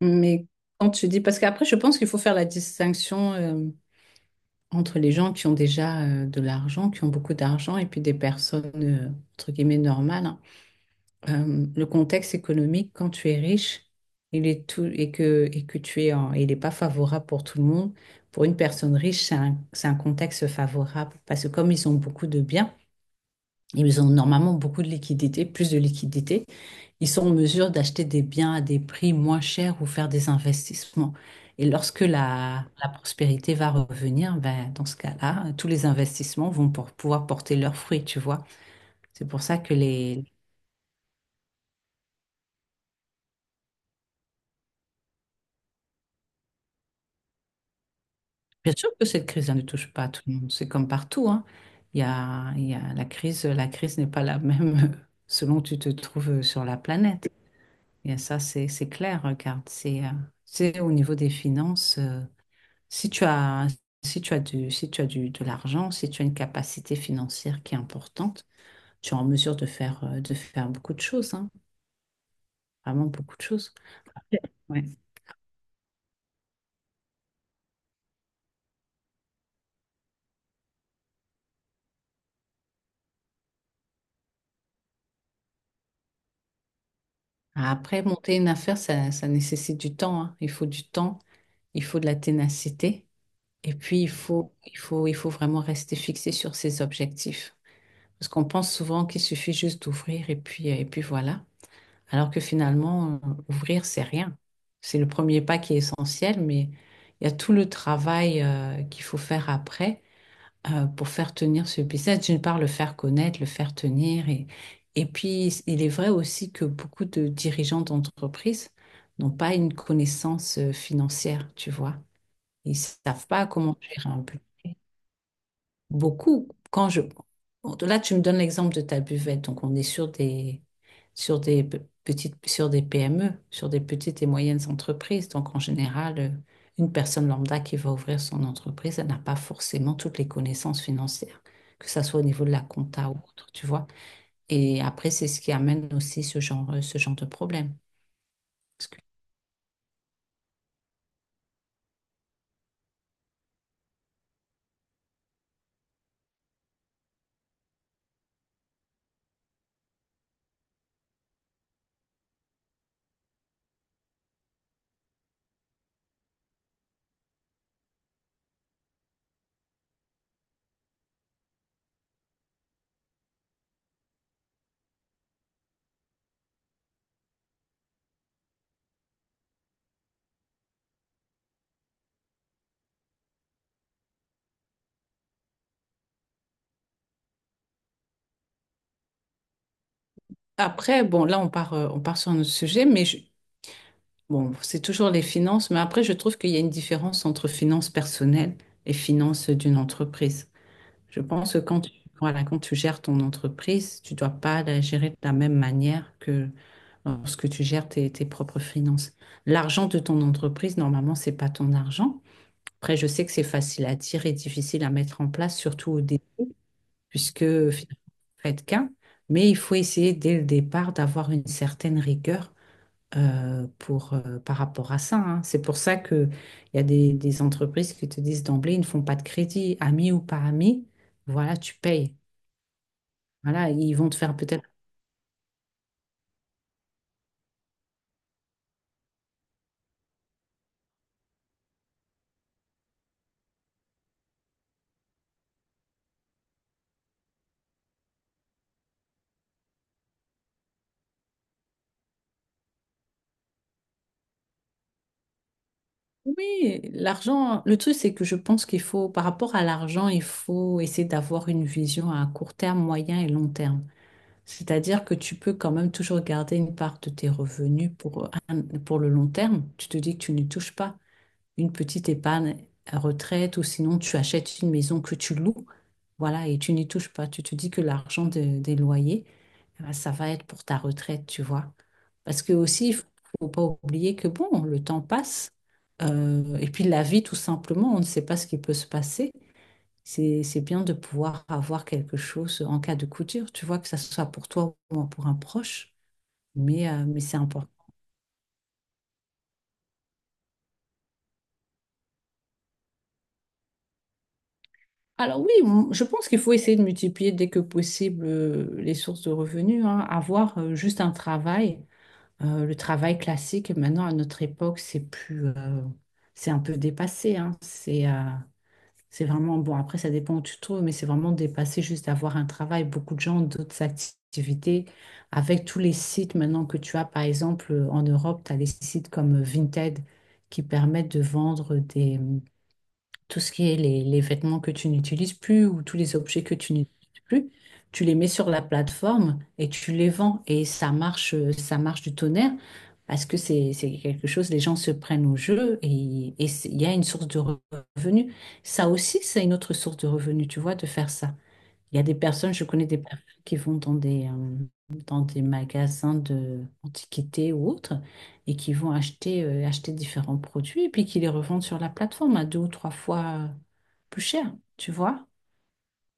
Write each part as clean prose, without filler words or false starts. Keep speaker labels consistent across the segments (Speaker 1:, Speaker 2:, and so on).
Speaker 1: Mais quand tu dis, parce qu'après, je pense qu'il faut faire la distinction entre les gens qui ont déjà de l'argent, qui ont beaucoup d'argent, et puis des personnes, entre guillemets, normales, hein. Le contexte économique, quand tu es riche, il est tout, et que il n'est pas favorable pour tout le monde. Pour une personne riche, c'est un contexte favorable, parce que comme ils ont beaucoup de biens, ils ont normalement beaucoup de liquidités, plus de liquidités. Ils sont en mesure d'acheter des biens à des prix moins chers ou faire des investissements. Et lorsque la prospérité va revenir, ben, dans ce cas-là, tous les investissements vont pouvoir porter leurs fruits, tu vois. C'est pour ça que les... Bien sûr que cette crise, elle ne touche pas à tout le monde. C'est comme partout, hein. Il y a la crise n'est pas la même selon où tu te trouves sur la planète. Et ça, c'est clair, regarde. C'est au niveau des finances. Si tu as, de l'argent, si tu as une capacité financière qui est importante, tu es en mesure de faire beaucoup de choses, hein. Vraiment beaucoup de choses. Ouais. Après, monter une affaire, ça nécessite du temps, hein. Il faut du temps, il faut de la ténacité, et puis il faut vraiment rester fixé sur ses objectifs. Parce qu'on pense souvent qu'il suffit juste d'ouvrir et puis voilà. Alors que finalement, ouvrir, c'est rien. C'est le premier pas qui est essentiel, mais il y a tout le travail qu'il faut faire après pour faire tenir ce business. D'une part, le faire connaître, le faire tenir. Et puis, il est vrai aussi que beaucoup de dirigeants d'entreprises n'ont pas une connaissance financière, tu vois. Ils savent pas comment gérer un budget beaucoup. Quand je... Bon, là, tu me donnes l'exemple de ta buvette. Donc, on est sur des, sur des pe- petites, sur des PME, sur des petites et moyennes entreprises. Donc, en général, une personne lambda qui va ouvrir son entreprise, elle n'a pas forcément toutes les connaissances financières, que ça soit au niveau de la compta ou autre, tu vois. Et après, c'est ce qui amène aussi ce genre de problème. Parce que- Après, bon, là, on part sur notre sujet, bon, c'est toujours les finances, mais après, je trouve qu'il y a une différence entre finances personnelles et finances d'une entreprise. Je pense que quand tu, voilà, quand tu gères ton entreprise, tu dois pas la gérer de la même manière que lorsque tu gères tes propres finances. L'argent de ton entreprise, normalement, c'est pas ton argent. Après, je sais que c'est facile à dire et difficile à mettre en place, surtout au début, puisque faites qu'un, mais il faut essayer dès le départ d'avoir une certaine rigueur par rapport à ça, hein. C'est pour ça qu'il y a des entreprises qui te disent d'emblée, ils ne font pas de crédit, ami ou pas ami, voilà, tu payes. Voilà, ils vont te faire peut-être... Oui, l'argent, le truc, c'est que je pense qu'il faut, par rapport à l'argent, il faut essayer d'avoir une vision à court terme, moyen et long terme. C'est-à-dire que tu peux quand même toujours garder une part de tes revenus pour le long terme. Tu te dis que tu ne touches pas. Une petite épargne à retraite ou sinon tu achètes une maison que tu loues, voilà, et tu n'y touches pas. Tu te dis que des loyers, eh ben, ça va être pour ta retraite, tu vois. Parce que aussi, il faut faut pas oublier que bon, le temps passe et puis la vie, tout simplement, on ne sait pas ce qui peut se passer. C'est bien de pouvoir avoir quelque chose en cas de coup dur, tu vois, que ça soit pour toi ou pour un proche, mais c'est important. Je pense qu'il faut essayer de multiplier dès que possible les sources de revenus, hein. Avoir juste un travail, le travail classique, maintenant à notre époque, c'est un peu dépassé, hein. C'est vraiment, bon après ça dépend où tu te trouves, mais c'est vraiment dépassé juste d'avoir un travail. Beaucoup de gens ont d'autres activités avec tous les sites maintenant que tu as, par exemple en Europe, tu as des sites comme Vinted qui permettent de vendre des tout ce qui est les vêtements que tu n'utilises plus ou tous les objets que tu n'utilises plus, tu les mets sur la plateforme et tu les vends. Et ça marche du tonnerre parce que c'est quelque chose, les gens se prennent au jeu il y a une source de revenus. Ça aussi, c'est une autre source de revenus, tu vois, de faire ça. Il y a des personnes, je connais des personnes qui vont dans dans des magasins de antiquités ou autres et qui vont acheter, acheter différents produits et puis qui les revendent sur la plateforme à deux ou trois fois plus cher, tu vois.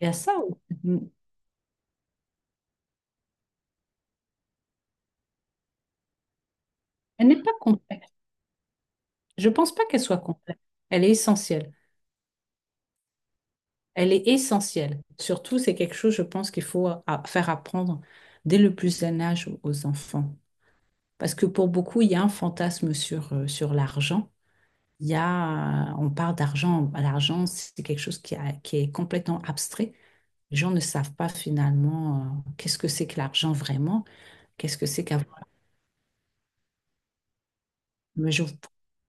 Speaker 1: Et à ça, on- elle n'est pas complète. Je ne pense pas qu'elle soit complète. Elle est essentielle. Elle est essentielle. Surtout, c'est quelque chose, je pense, faire apprendre dès le plus jeune âge aux aux enfants. Parce que pour beaucoup, il y a un fantasme sur l'argent. On parle d'argent. L'argent, c'est quelque chose qui est complètement abstrait. Les gens ne savent pas finalement qu'est-ce que c'est que l'argent vraiment, qu'est-ce que c'est qu'avoir. Mais, je-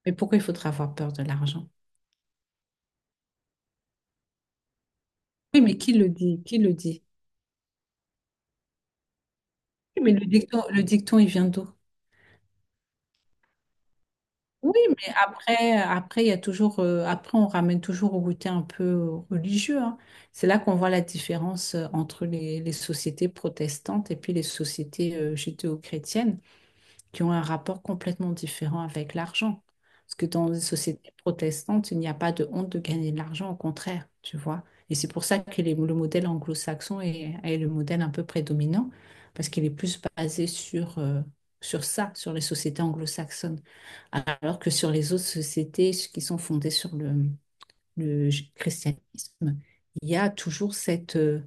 Speaker 1: mais pourquoi il faudrait avoir peur de l'argent? Oui, mais qui le dit? Qui le dit? Oui, mais le dicton, il vient d'où? Oui, mais il y a toujours, on ramène toujours au côté un peu religieux, hein. C'est là qu'on voit la différence entre les sociétés protestantes et puis les sociétés judéo-chrétiennes qui ont un rapport complètement différent avec l'argent. Parce que dans les sociétés protestantes, il n'y a pas de honte de gagner de l'argent, au contraire, tu vois. Et c'est pour ça le modèle anglo-saxon est le modèle un peu prédominant, parce qu'il est plus basé sur ça, sur les sociétés anglo-saxonnes, alors que sur les autres sociétés qui sont fondées sur christianisme, il y a toujours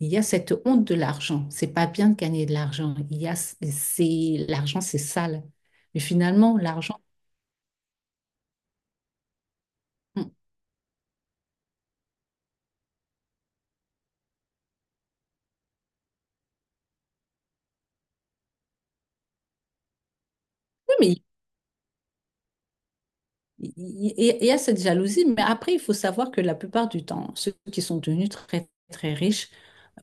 Speaker 1: il y a cette honte de l'argent. C'est pas bien de gagner de l'argent. Il y a, c'est, l'argent, c'est sale. Mais finalement, l'argent, oui, mais. Il y a cette jalousie, mais après, il faut savoir que la plupart du temps, ceux qui sont devenus très, très riches,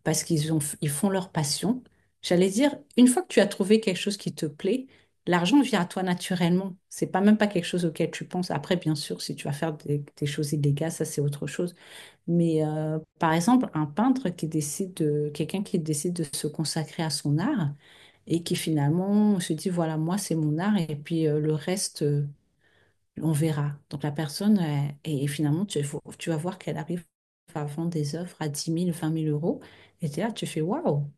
Speaker 1: parce qu'ils font leur passion, j'allais dire, une fois que tu as trouvé quelque chose qui te plaît, l'argent vient à toi naturellement. C'est pas même pas quelque chose auquel tu penses. Après, bien sûr, si tu vas faire des choses illégales, ça c'est autre chose. Mais par exemple, un peintre qui décide de, quelqu'un qui décide de se consacrer à son art et qui finalement se dit, voilà, moi, c'est mon art et puis le reste, on verra. Donc la personne, et finalement, tu vas voir qu'elle arrive à vendre des œuvres à 10 000, 20 000 euros. Et t'es là, tu fais waouh.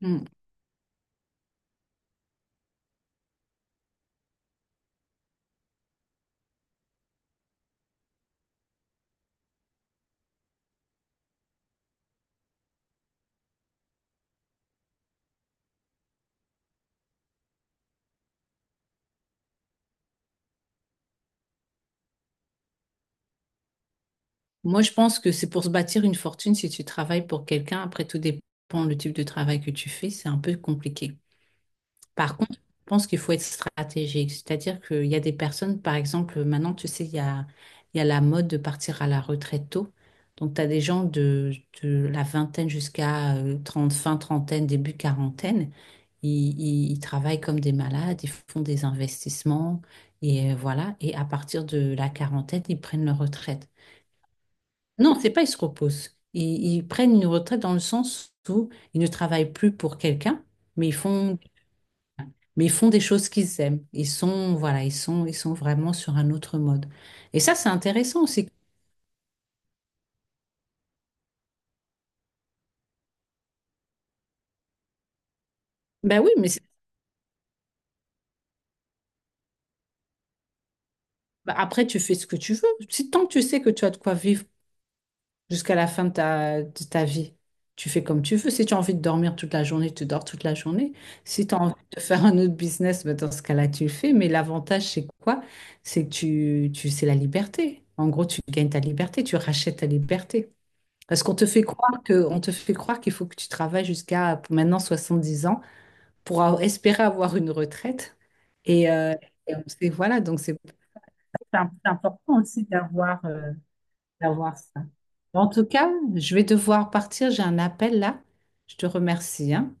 Speaker 1: Hmm. Moi, je pense que c'est pour se bâtir une fortune si tu travailles pour quelqu'un. Après, tout dépend le type de travail que tu fais. C'est un peu compliqué. Par contre, je pense qu'il faut être stratégique. C'est-à-dire qu'il y a des personnes, par exemple, maintenant, tu sais, il y a la mode de partir à la retraite tôt. Donc, tu as des gens de la vingtaine jusqu'à 30, fin trentaine, début quarantaine. Ils travaillent comme des malades, ils font des investissements et voilà. Et à partir de la quarantaine, ils prennent leur retraite. Non, c'est pas ils se reposent. Ils prennent une retraite dans le sens où ils ne travaillent plus pour quelqu'un, mais ils font, mais ils font des choses qu'ils aiment. Ils sont, voilà, ils sont vraiment sur un autre mode. Et ça, c'est intéressant aussi. Ben oui, mais c'est- ben après, tu fais ce que tu veux. Si tant que tu sais que tu as de quoi vivre jusqu'à la fin de de ta vie. Tu fais comme tu veux. Si tu as envie de dormir toute la journée, tu dors toute la journée. Si tu as envie de faire un autre business, ben, dans ce cas-là, tu le fais. Mais l'avantage, c'est quoi? C'est que c'est la liberté. En gros, tu gagnes ta liberté, tu rachètes ta liberté. Parce qu'on te fait croire que, on te fait croire qu'il faut que tu travailles jusqu'à pour maintenant 10 ans espérer avoir une retraite. Et, euh, voilà, donc c'est important aussi d'avoir, d'avoir ça. En tout cas, je vais devoir partir, j'ai un appel là. Je te remercie, hein.